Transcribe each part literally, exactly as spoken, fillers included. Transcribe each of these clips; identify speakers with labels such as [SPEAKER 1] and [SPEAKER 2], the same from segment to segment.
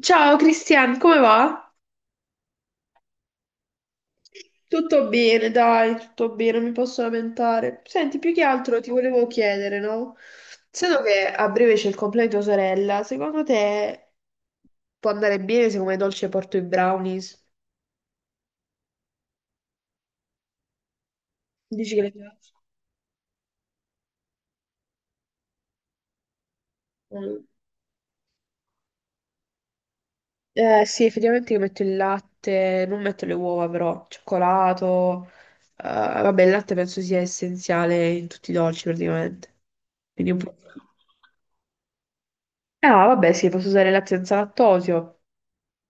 [SPEAKER 1] Ciao Cristian, come va? Tutto bene, dai, tutto bene, non mi posso lamentare. Senti, più che altro ti volevo chiedere, no? Sendo che a breve c'è il compleanno di tua sorella, secondo te può andare bene se come dolce porto i brownies? Dici che le piace? Mm. Eh sì, effettivamente io metto il latte, non metto le uova però, cioccolato, eh, vabbè il latte penso sia essenziale in tutti i dolci praticamente, quindi un po'. Ah, vabbè, sì, posso usare il latte senza lattosio.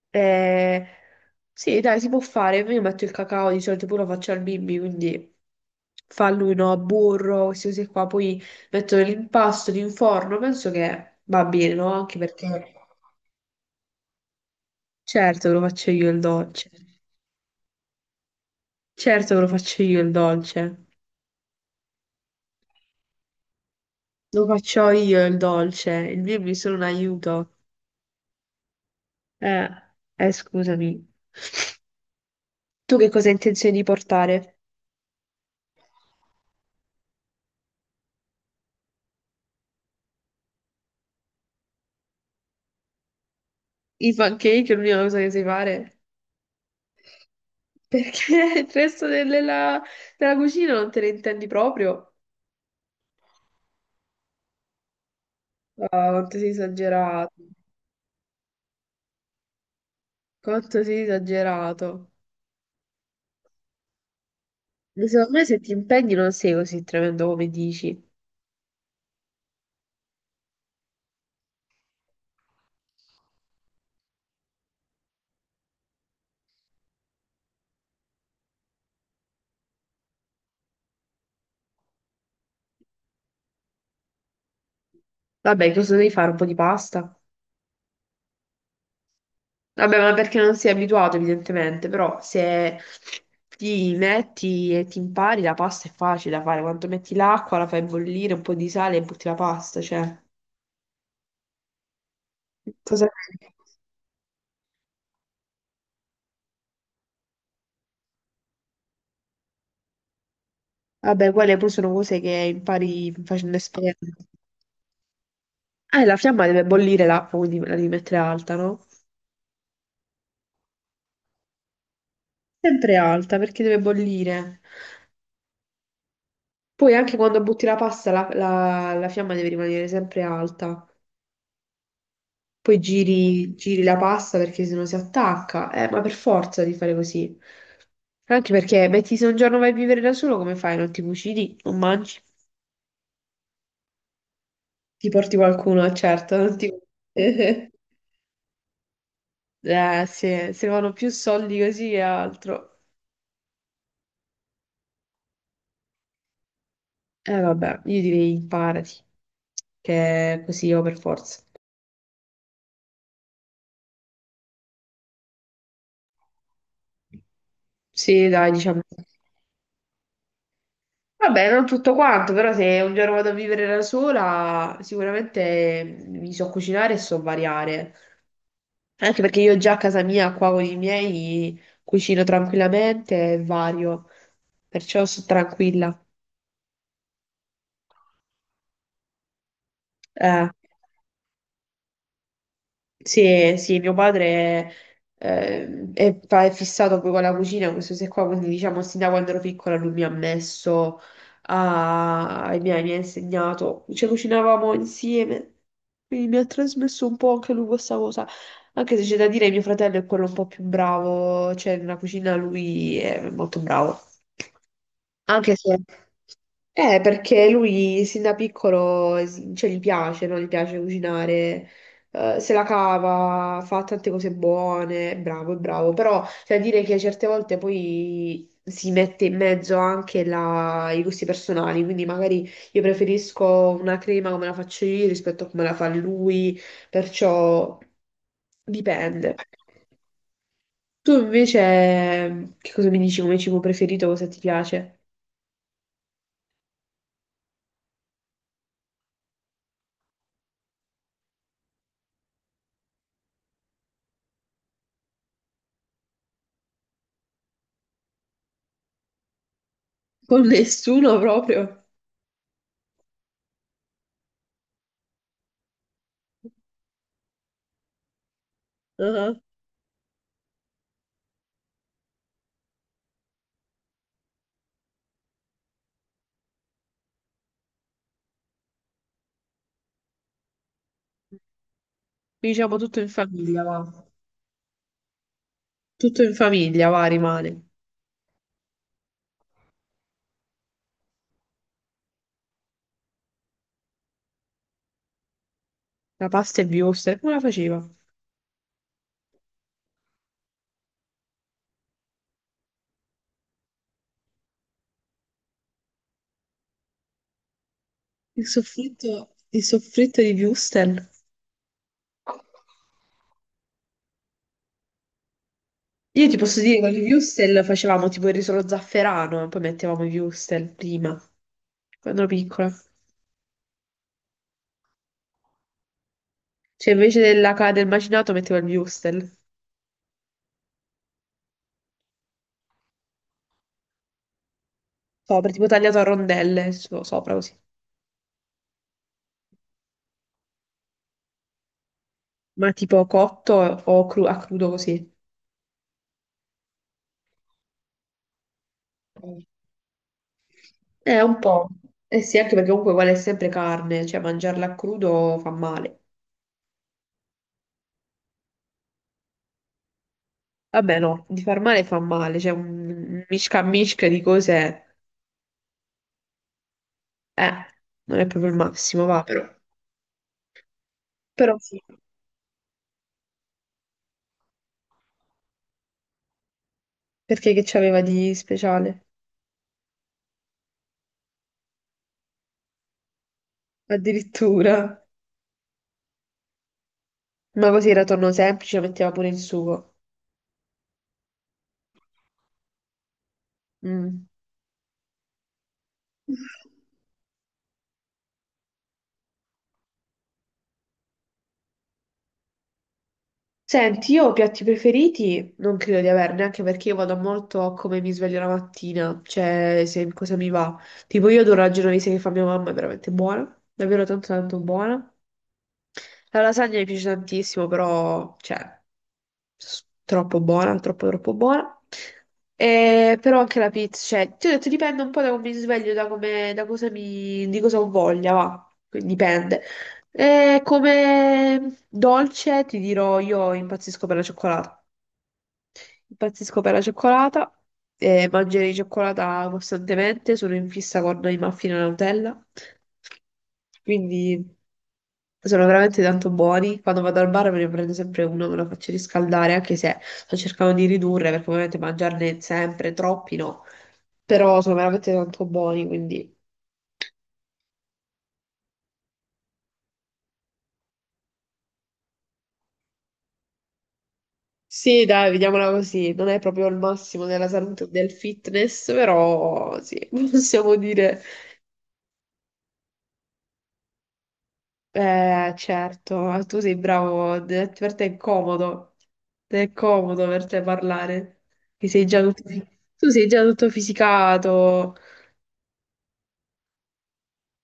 [SPEAKER 1] Eh, sì, dai, si può fare. Io metto il cacao, di solito pure lo faccio al bimbi, quindi fa lui, no, burro, queste cose qua. Poi metto nell'impasto di un forno, penso che va bene, no? Anche perché certo che lo faccio io il dolce. Certo che lo faccio io il dolce. Lo faccio io il dolce. Il bimbi è solo un aiuto. Eh, eh, Scusami. Tu che cosa hai intenzione di portare? I pancake è l'unica cosa che sai fare? Perché il resto delle- la- della cucina non te ne intendi proprio? Ah, quanto sei esagerato. Quanto sei esagerato. Ma secondo me se ti impegni non sei così tremendo come dici. Vabbè, cosa devi fare? Un po' di pasta? Vabbè, ma perché non sei abituato evidentemente, però se ti metti e ti impari la pasta è facile da fare. Quando metti l'acqua, la fai bollire, un po' di sale e butti la pasta, cioè... Cosa... Vabbè, quelle poi sono cose che impari facendo esperienza. Eh, la fiamma deve bollire l'acqua, quindi la devi mettere alta, no? Sempre alta perché deve bollire. Poi anche quando butti la pasta, la, la- la fiamma deve rimanere sempre alta. Poi giri, giri la pasta perché sennò si attacca. Eh, ma per forza di fare così. Anche perché, metti, se un giorno vai a vivere da solo, come fai? Non ti cucini, non mangi, ti porti qualcuno, eh, certo, non ti... Eh, sì, se vanno più soldi così che altro. Eh vabbè, io direi imparati, che è così o per forza. Sì, dai, diciamo. Vabbè, non tutto quanto, però se un giorno vado a vivere da sola, sicuramente mi so cucinare e so variare. Anche perché io già a casa mia, qua con i miei, cucino tranquillamente e vario, perciò sto tranquilla. Eh. Sì, sì, mio padre eh, è, fa- è fissato poi con la cucina, e queste cose qua, quindi diciamo sin da quando ero piccola lui mi ha messo, a, mi ha mi ha insegnato, ci cucinavamo insieme, quindi mi ha trasmesso un po' anche lui questa cosa, anche se c'è da dire mio fratello è quello un po' più bravo, cioè nella cucina lui è molto bravo, anche se... Eh, perché lui sin da piccolo si- cioè, gli piace, no? Gli piace cucinare, eh, se la cava, fa tante cose buone, è bravo, è bravo, però cioè, dire che certe volte poi si mette in mezzo anche la- i gusti personali, quindi magari io preferisco una crema come la faccio io rispetto a come la fa lui, perciò dipende. Tu invece che cosa mi dici come cibo preferito, cosa ti piace? Con nessuno proprio. Mhm. Diciamo tutto in famiglia, va. Tutto in famiglia, va, rimane. La pasta e Wurstel, come la faceva? Il soffritto, il soffritto di Wurstel. Io ti posso dire che con i Wurstel facevamo tipo il riso allo zafferano, e poi mettevamo i Wurstel prima, quando ero piccola. Cioè invece della ca- del macinato mettevo il Wurstel. Sopra, tipo tagliato a rondelle, so- sopra così. Ma tipo cotto o cru- a crudo così. Eh, un po'. Eh sì, anche perché comunque quella è sempre carne, cioè mangiarla a crudo fa male. Vabbè, no, di far male fa male, c'è un misca misca di cose, eh, non è proprio il massimo, va però. Però sì, perché che c'aveva di speciale? Addirittura. Ma così era tonno semplice, metteva pure il sugo. Mm. Senti, io ho piatti preferiti non credo di averne, anche perché io vado molto a come mi sveglio la mattina, cioè se cosa mi va. Tipo io adoro la genovese che fa mia mamma, è veramente buona, davvero tanto tanto buona. La lasagna mi piace tantissimo, però, cioè, s- troppo buona, troppo troppo buona. Eh, però anche la pizza, cioè, ti ho detto dipende un po' da come mi sveglio, da come, da cosa mi, di cosa ho voglia, va, quindi dipende. Eh, come dolce ti dirò, io impazzisco per la cioccolata. Impazzisco per la cioccolata e mangerei cioccolata costantemente. Sono in fissa con i muffin alla Nutella. Quindi sono veramente tanto buoni. Quando vado al bar me ne prendo sempre uno, me lo faccio riscaldare, anche se sto cercando di ridurre perché ovviamente mangiarne sempre troppi no. Però sono veramente tanto buoni, quindi sì, dai, vediamola così. Non è proprio il massimo della salute e del fitness, però sì, possiamo dire. Eh, certo, ma tu sei bravo, de- per te è comodo, è comodo per te parlare, che sei già tutto, tu sei già tutto fisicato,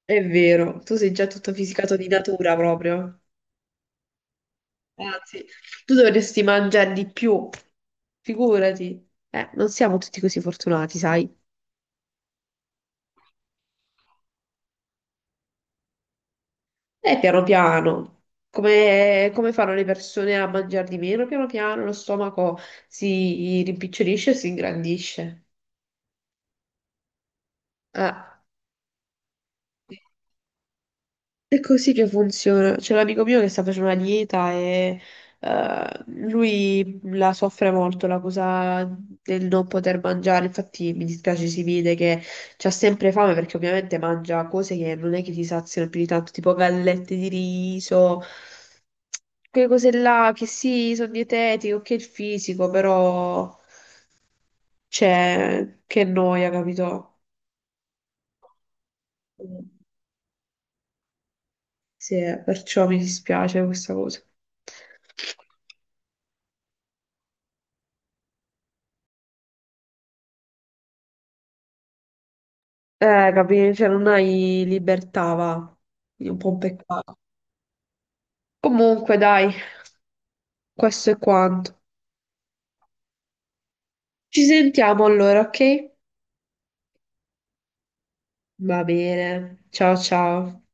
[SPEAKER 1] è vero, tu sei già tutto fisicato di natura proprio, anzi, tu dovresti mangiare di più, figurati, eh, non siamo tutti così fortunati, sai? E piano piano, come, come fanno le persone a mangiare di meno, piano piano lo stomaco si rimpicciolisce e si ingrandisce. Ah. È così che funziona. C'è l'amico mio che sta facendo una dieta e eh, lui la soffre molto, la cosa del non poter mangiare. Infatti mi dispiace, si vede che c'ha sempre fame perché ovviamente mangia cose che non è che ti saziano più di tanto, tipo gallette di riso, quelle cose là che sì, sono dietetiche, ok il fisico, però c'è che noia, capito? Sì, eh, perciò mi dispiace questa cosa. Eh, capì? Cioè, non hai libertà, va. Quindi è un po' un peccato. Comunque, dai, questo è quanto. Ci sentiamo allora, ok? Va bene. Ciao ciao.